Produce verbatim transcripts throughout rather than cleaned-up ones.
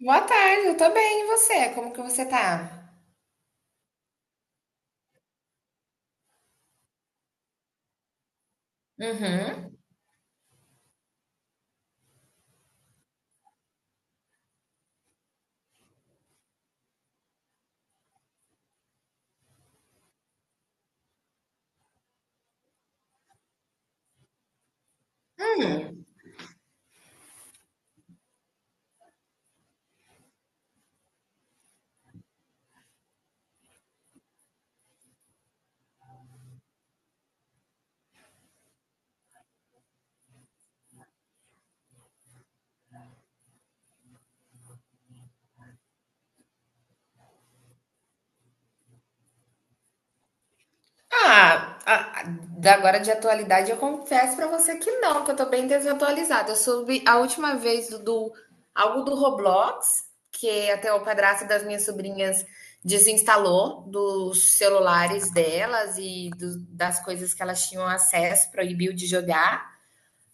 Boa tarde, eu tô bem, e você? Como que você tá? Uhum. Hum. Ah, a- a- da- agora de atualidade eu confesso pra você que não, que eu tô bem desatualizada. Eu soube a última vez do, do- algo do Roblox, que até o padrasto das minhas sobrinhas desinstalou dos celulares delas e do- das coisas que elas tinham acesso, proibiu de jogar.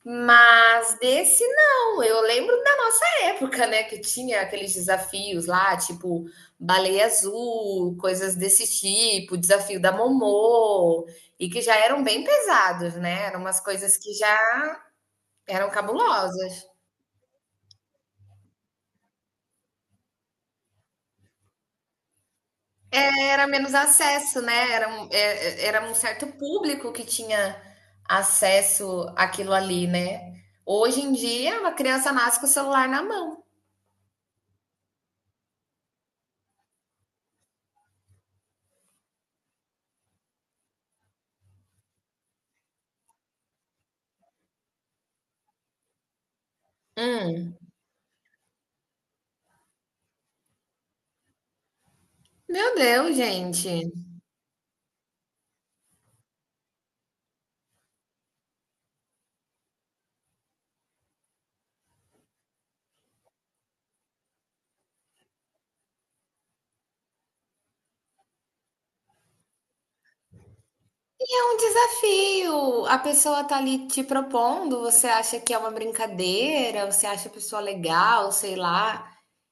Mas desse não, eu lembro da nossa época, né, que tinha aqueles desafios lá, tipo baleia azul, coisas desse tipo, desafio da Momô, e que já eram bem pesados, né? Eram umas coisas que já eram cabulosas. Era menos acesso, né? Era um, é- é- era um certo público que tinha acesso àquilo ali, né? Hoje em dia, uma criança nasce com o celular na mão. Hum. Meu Deus, gente. E é um desafio. A pessoa tá ali te propondo, você acha que é uma brincadeira, você acha a pessoa legal, sei lá.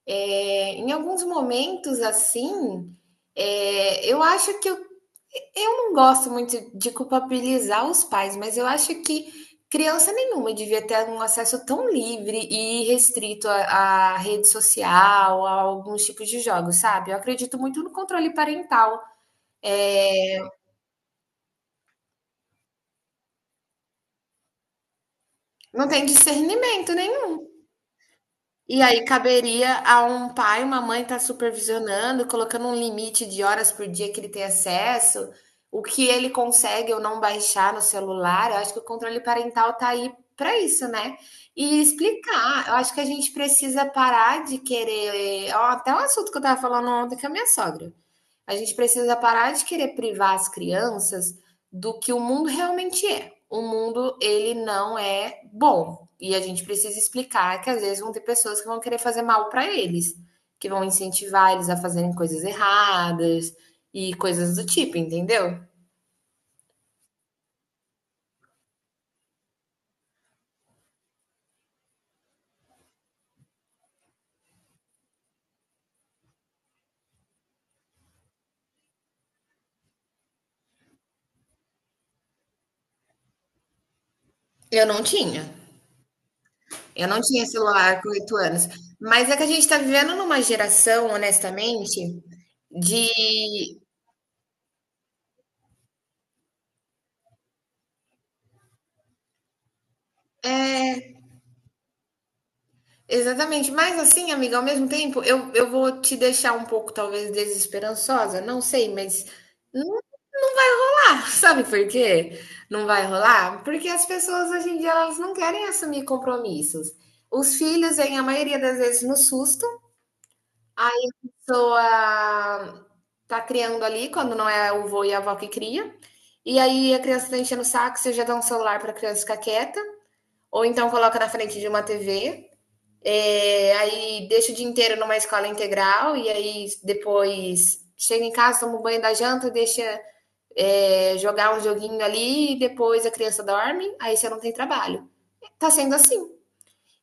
É, em alguns momentos, assim, é, eu acho que eu, eu não gosto muito de culpabilizar os pais, mas eu acho que criança nenhuma devia ter um acesso tão livre e restrito à, à rede social, a alguns tipos de jogos, sabe? Eu acredito muito no controle parental. Não tem discernimento, né? E aí caberia a um pai, uma mãe estar supervisionando, colocando um limite de horas por dia que ele tem acesso, o que ele consegue ou não baixar no celular. Eu acho que o controle parental está aí para isso, né? E explicar. Eu acho que a gente precisa parar de querer. Ó, até um assunto que eu estava falando ontem com a minha sogra. A gente precisa parar de querer privar as crianças do que o mundo realmente é. O mundo, ele não é bom. E a gente precisa explicar que às vezes vão ter pessoas que vão querer fazer mal para eles, que vão incentivar eles a fazerem coisas erradas e coisas do tipo, entendeu? Eu não tinha. Eu não tinha celular com oito anos. Mas é que a gente está vivendo numa geração, honestamente, de Exatamente, mas assim, amiga, ao mesmo tempo, eu, eu vou te deixar um pouco, talvez, desesperançosa, não sei, mas não dá, sabe por quê? Não vai rolar? Porque as pessoas hoje em dia elas não querem assumir compromissos. Os filhos vêm, a maioria das vezes, no susto, aí a pessoa tá criando ali, quando não é o vô e a avó que cria, e aí a criança tá enchendo o saco, você já dá um celular pra criança ficar quieta, ou então coloca na frente de uma T V. É, aí deixo o dia inteiro numa escola integral e aí depois chega em casa, toma um banho da janta, deixa é, jogar um joguinho ali e depois a criança dorme, aí você não tem trabalho. Tá sendo assim.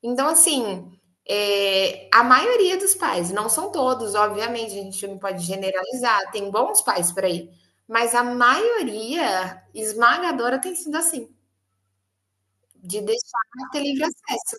Então, assim, é, a maioria dos pais, não são todos, obviamente, a gente não pode generalizar, tem bons pais por aí, mas a maioria esmagadora tem sido assim, de deixar ter livre acesso.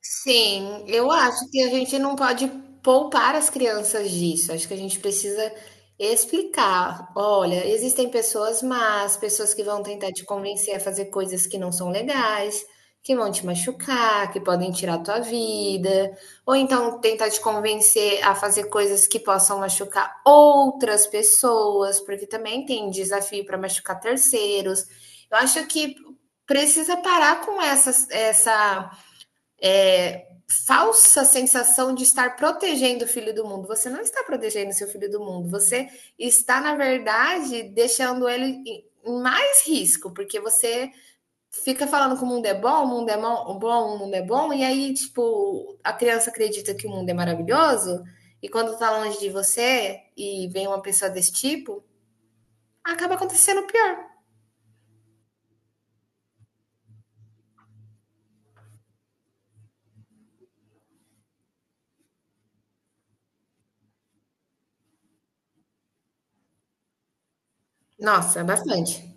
Sim, eu acho que a gente não pode poupar as crianças disso. Acho que a gente precisa explicar. Olha, existem pessoas más, pessoas que vão tentar te convencer a fazer coisas que não são legais, que vão te machucar, que podem tirar a tua vida, ou então tentar te convencer a fazer coisas que possam machucar outras pessoas, porque também tem desafio para machucar terceiros. Eu acho que precisa parar com essas, essa é, falsa sensação de estar protegendo o filho do mundo. Você não está protegendo seu filho do mundo, você está, na verdade, deixando ele em mais risco, porque você fica falando que o mundo é bom, o mundo é bom, o mundo é bom, e aí, tipo, a criança acredita que o mundo é maravilhoso, e quando tá longe de você e vem uma pessoa desse tipo, acaba acontecendo pior. Nossa, bastante.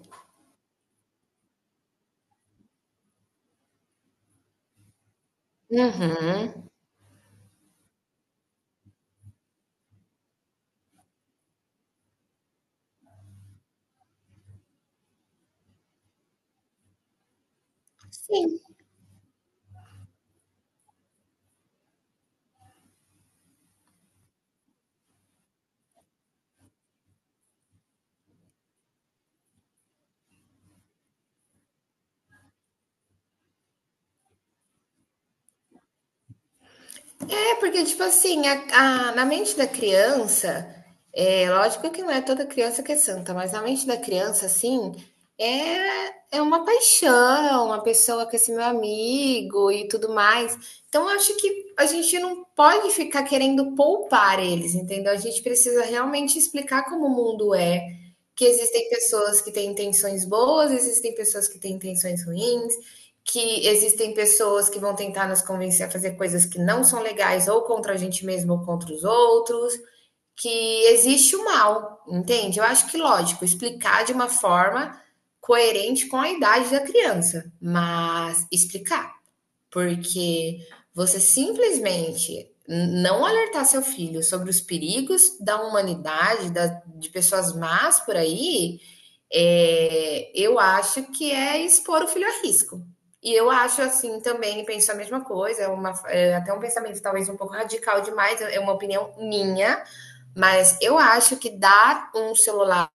Uhum. Sim. É, porque, tipo assim, a, a- na mente da criança, é, lógico que não é toda criança que é santa, mas na mente da criança, assim, é, é uma paixão, uma pessoa que é esse meu amigo e tudo mais. Então, eu acho que a gente não pode ficar querendo poupar eles, entendeu? A gente precisa realmente explicar como o mundo é, que existem pessoas que têm intenções boas, existem pessoas que têm intenções ruins que existem pessoas que vão tentar nos convencer a fazer coisas que não são legais, ou contra a gente mesmo, ou contra os outros, que existe o mal, entende? Eu acho que, lógico, explicar de uma forma coerente com a idade da criança, mas explicar, porque você simplesmente não alertar seu filho sobre os perigos da humanidade, da, de pessoas más por aí, é, eu acho que é expor o filho a risco. E eu acho assim também, penso a mesma coisa, é uma, é até um pensamento talvez um pouco radical demais, é uma opinião minha, mas eu acho que dar um celular,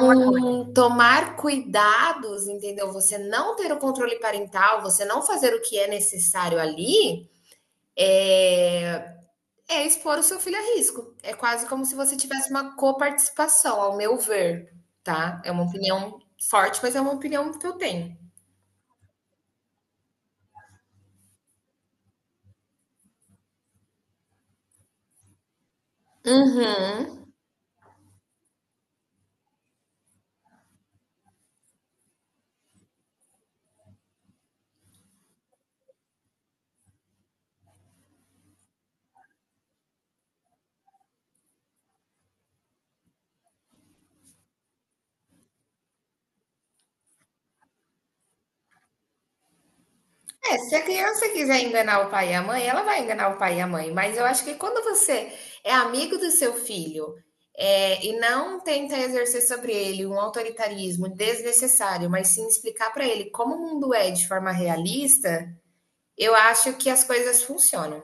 um, tomar cuidados, entendeu? Você não ter o controle parental, você não fazer o que é necessário ali, é, É expor o seu filho a risco. É quase como se você tivesse uma coparticipação, ao meu ver, tá? É uma opinião forte, mas é uma opinião que eu tenho. Uhum. É, se a criança quiser enganar o pai e a mãe, ela vai enganar o pai e a mãe. Mas eu acho que quando você é amigo do seu filho, é, e não tenta exercer sobre ele um autoritarismo desnecessário, mas sim explicar para ele como o mundo é de forma realista, eu acho que as coisas funcionam.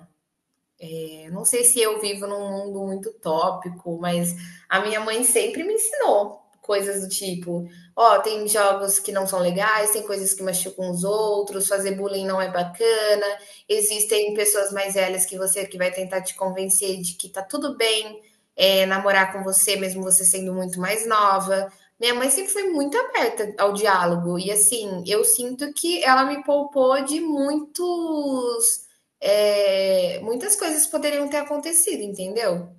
É, não sei se eu vivo num mundo muito tópico, mas a minha mãe sempre me ensinou coisas do tipo: ó, tem jogos que não são legais, tem coisas que machucam os outros, fazer bullying não é bacana, existem pessoas mais velhas que você que vai tentar te convencer de que tá tudo bem é, namorar com você, mesmo você sendo muito mais nova. Minha mãe sempre foi muito aberta ao diálogo, e assim, eu sinto que ela me poupou de muitos é, muitas coisas poderiam ter acontecido, entendeu?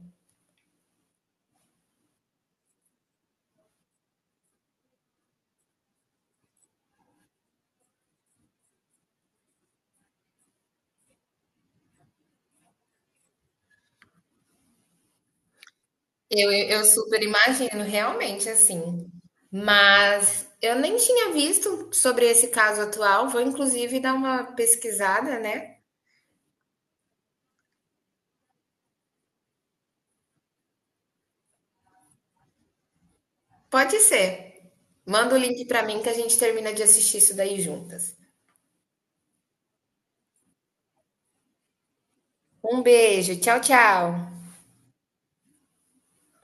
Eu, eu super imagino, realmente, assim. Mas eu nem tinha visto sobre esse caso atual. Vou, inclusive, dar uma pesquisada, né? Pode ser. Manda o link para mim que a gente termina de assistir isso daí juntas. Um beijo. Tchau, tchau.